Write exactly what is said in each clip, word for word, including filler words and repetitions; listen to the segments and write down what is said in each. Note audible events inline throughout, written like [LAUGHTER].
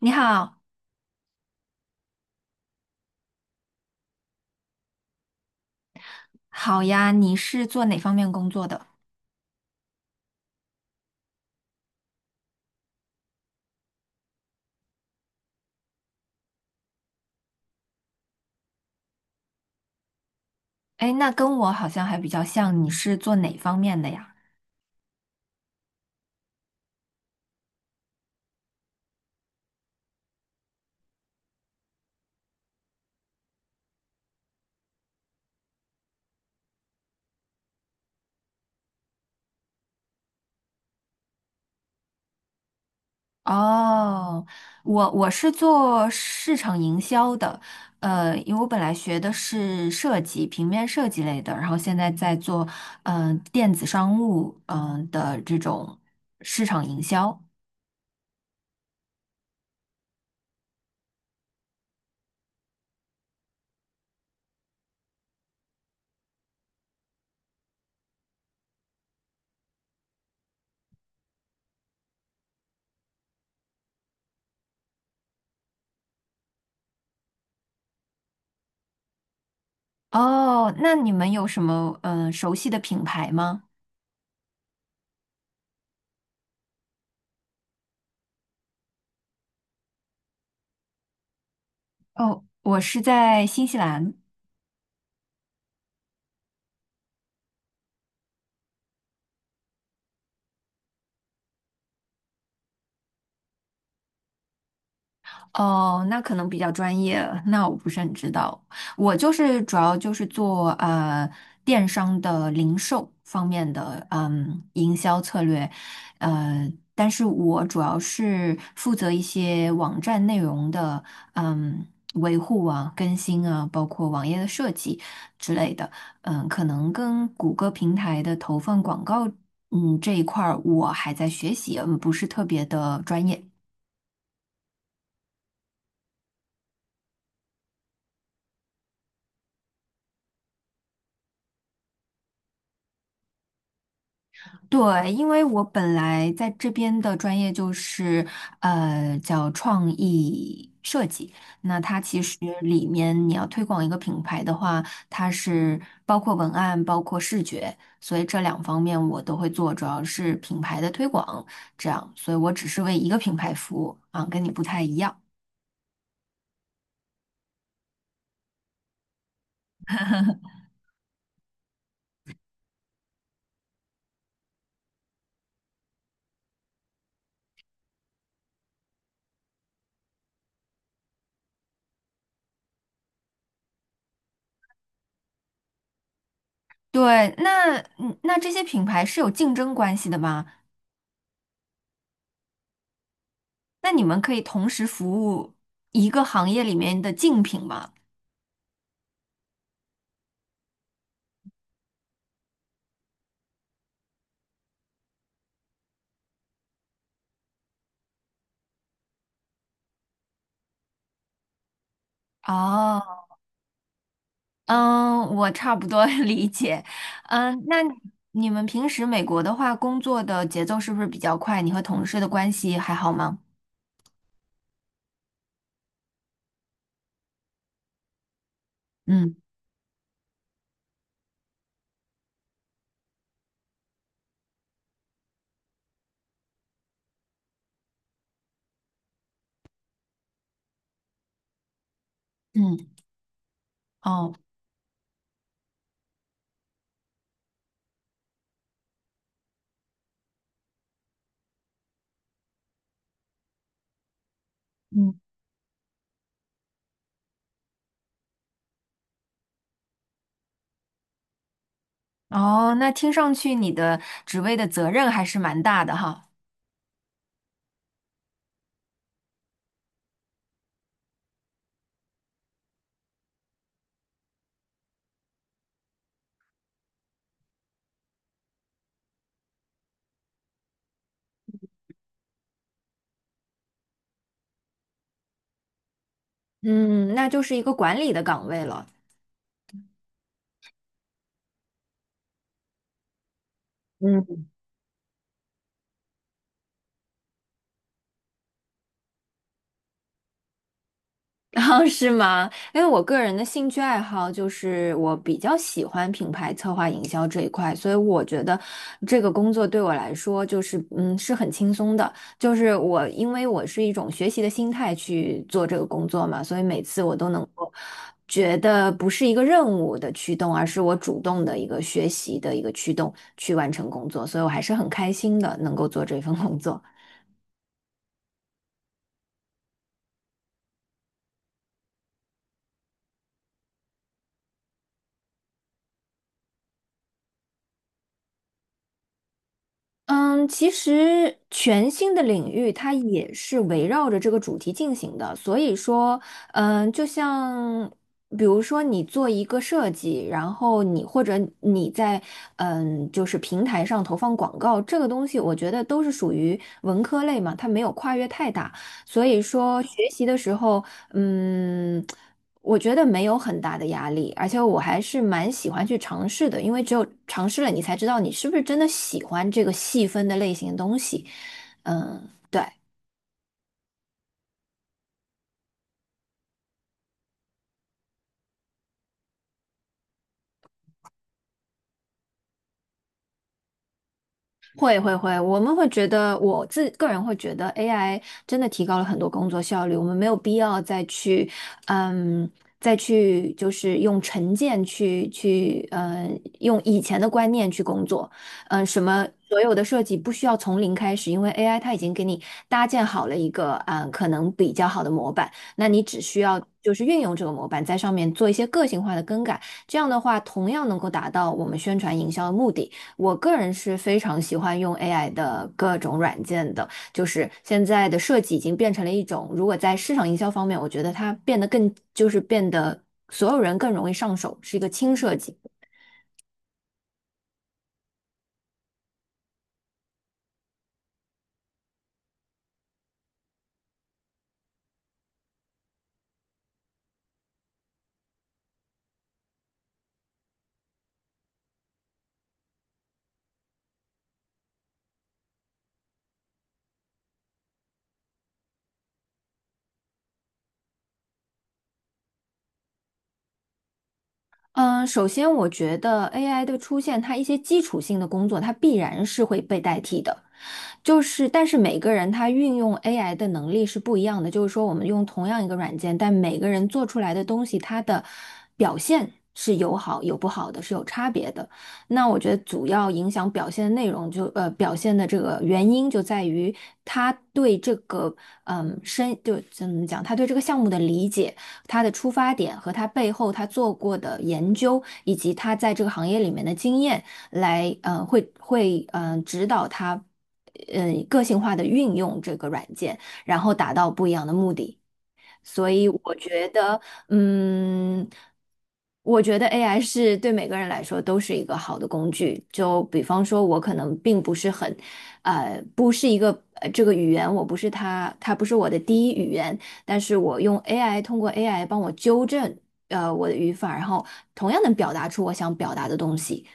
你好，好呀，你是做哪方面工作的？哎，那跟我好像还比较像，你是做哪方面的呀？哦，我我是做市场营销的，呃，因为我本来学的是设计，平面设计类的，然后现在在做嗯、呃电子商务嗯、呃的这种市场营销。哦，那你们有什么嗯、呃熟悉的品牌吗？哦，我是在新西兰。哦，那可能比较专业，那我不是很知道。我就是主要就是做呃电商的零售方面的嗯营销策略，呃，但是我主要是负责一些网站内容的嗯维护啊、更新啊，包括网页的设计之类的。嗯，可能跟谷歌平台的投放广告嗯这一块儿我还在学习，嗯，不是特别的专业。对，因为我本来在这边的专业就是呃叫创意设计，那它其实里面你要推广一个品牌的话，它是包括文案，包括视觉，所以这两方面我都会做，主要是品牌的推广，这样，所以我只是为一个品牌服务啊，跟你不太一样。对，那嗯那这些品牌是有竞争关系的吗？那你们可以同时服务一个行业里面的竞品吗？哦，嗯，我差不多 [LAUGHS] 理解。嗯，那你们平时美国的话，工作的节奏是不是比较快？你和同事的关系还好吗？嗯嗯，哦，嗯，哦，那听上去你的职位的责任还是蛮大的哈。嗯，那就是一个管理的岗位了。嗯。[LAUGHS] 然后是吗？因为我个人的兴趣爱好就是我比较喜欢品牌策划营销这一块，所以我觉得这个工作对我来说就是嗯是很轻松的，就是我因为我是一种学习的心态去做这个工作嘛，所以每次我都能够觉得不是一个任务的驱动，而是我主动的一个学习的一个驱动去完成工作，所以我还是很开心的能够做这份工作。嗯，其实全新的领域它也是围绕着这个主题进行的，所以说，嗯，就像比如说你做一个设计，然后你或者你在嗯就是平台上投放广告，这个东西我觉得都是属于文科类嘛，它没有跨越太大。所以说学习的时候，嗯，我觉得没有很大的压力，而且我还是蛮喜欢去尝试的，因为只有尝试了，你才知道你是不是真的喜欢这个细分的类型的东西。嗯，对。会会会，我们会觉得，我自个人会觉得 A I 真的提高了很多工作效率，我们没有必要再去，嗯，再去就是用成见去去，嗯，用以前的观念去工作，嗯、什么所有的设计不需要从零开始，因为 A I 它已经给你搭建好了一个，嗯、可能比较好的模板，那你只需要就是运用这个模板，在上面做一些个性化的更改，这样的话，同样能够达到我们宣传营销的目的。我个人是非常喜欢用 A I 的各种软件的，就是现在的设计已经变成了一种，如果在市场营销方面，我觉得它变得更，就是变得所有人更容易上手，是一个轻设计。嗯，首先我觉得 A I 的出现，它一些基础性的工作，它必然是会被代替的。就是，但是每个人他运用 A I 的能力是不一样的。就是说，我们用同样一个软件，但每个人做出来的东西，它的表现是有好有不好的，是有差别的。那我觉得主要影响表现的内容就，呃表现的这个原因就在于他对这个嗯深就怎么讲，他对这个项目的理解。他的出发点和他背后他做过的研究，以及他在这个行业里面的经验来，呃，会会嗯呃指导他，呃，个性化的运用这个软件，然后达到不一样的目的。所以我觉得，嗯，我觉得 A I 是对每个人来说都是一个好的工具。就比方说，我可能并不是很，呃，不是一个呃这个语言，我不是他，他不是我的第一语言，但是我用 A I 通过 A I 帮我纠正呃我的语法，然后同样能表达出我想表达的东西。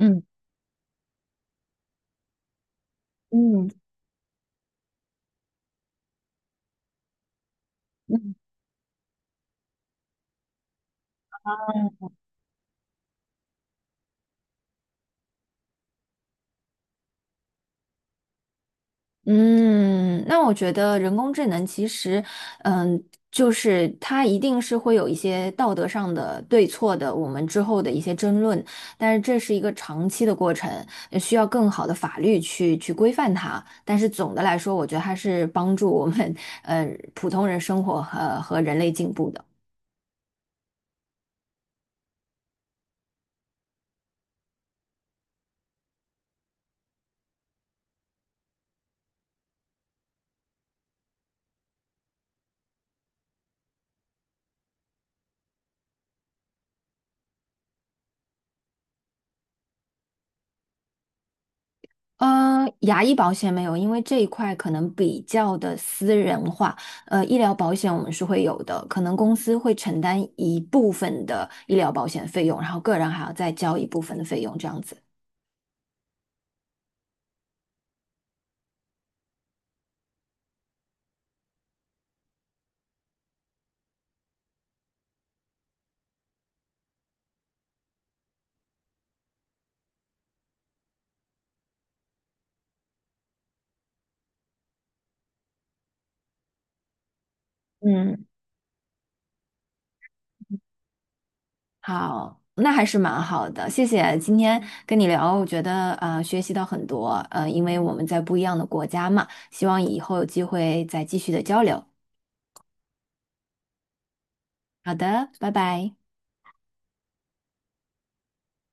嗯嗯嗯嗯，那我觉得人工智能其实，嗯，就是它一定是会有一些道德上的对错的，我们之后的一些争论，但是这是一个长期的过程，呃需要更好的法律去去规范它。但是总的来说，我觉得它是帮助我们，呃，普通人生活和和人类进步的。呃，牙医保险没有，因为这一块可能比较的私人化。呃，医疗保险我们是会有的，可能公司会承担一部分的医疗保险费用，然后个人还要再交一部分的费用，这样子。嗯好，那还是蛮好的，谢谢今天跟你聊，我觉得呃学习到很多，呃，因为我们在不一样的国家嘛，希望以后有机会再继续的交流。好的，拜拜。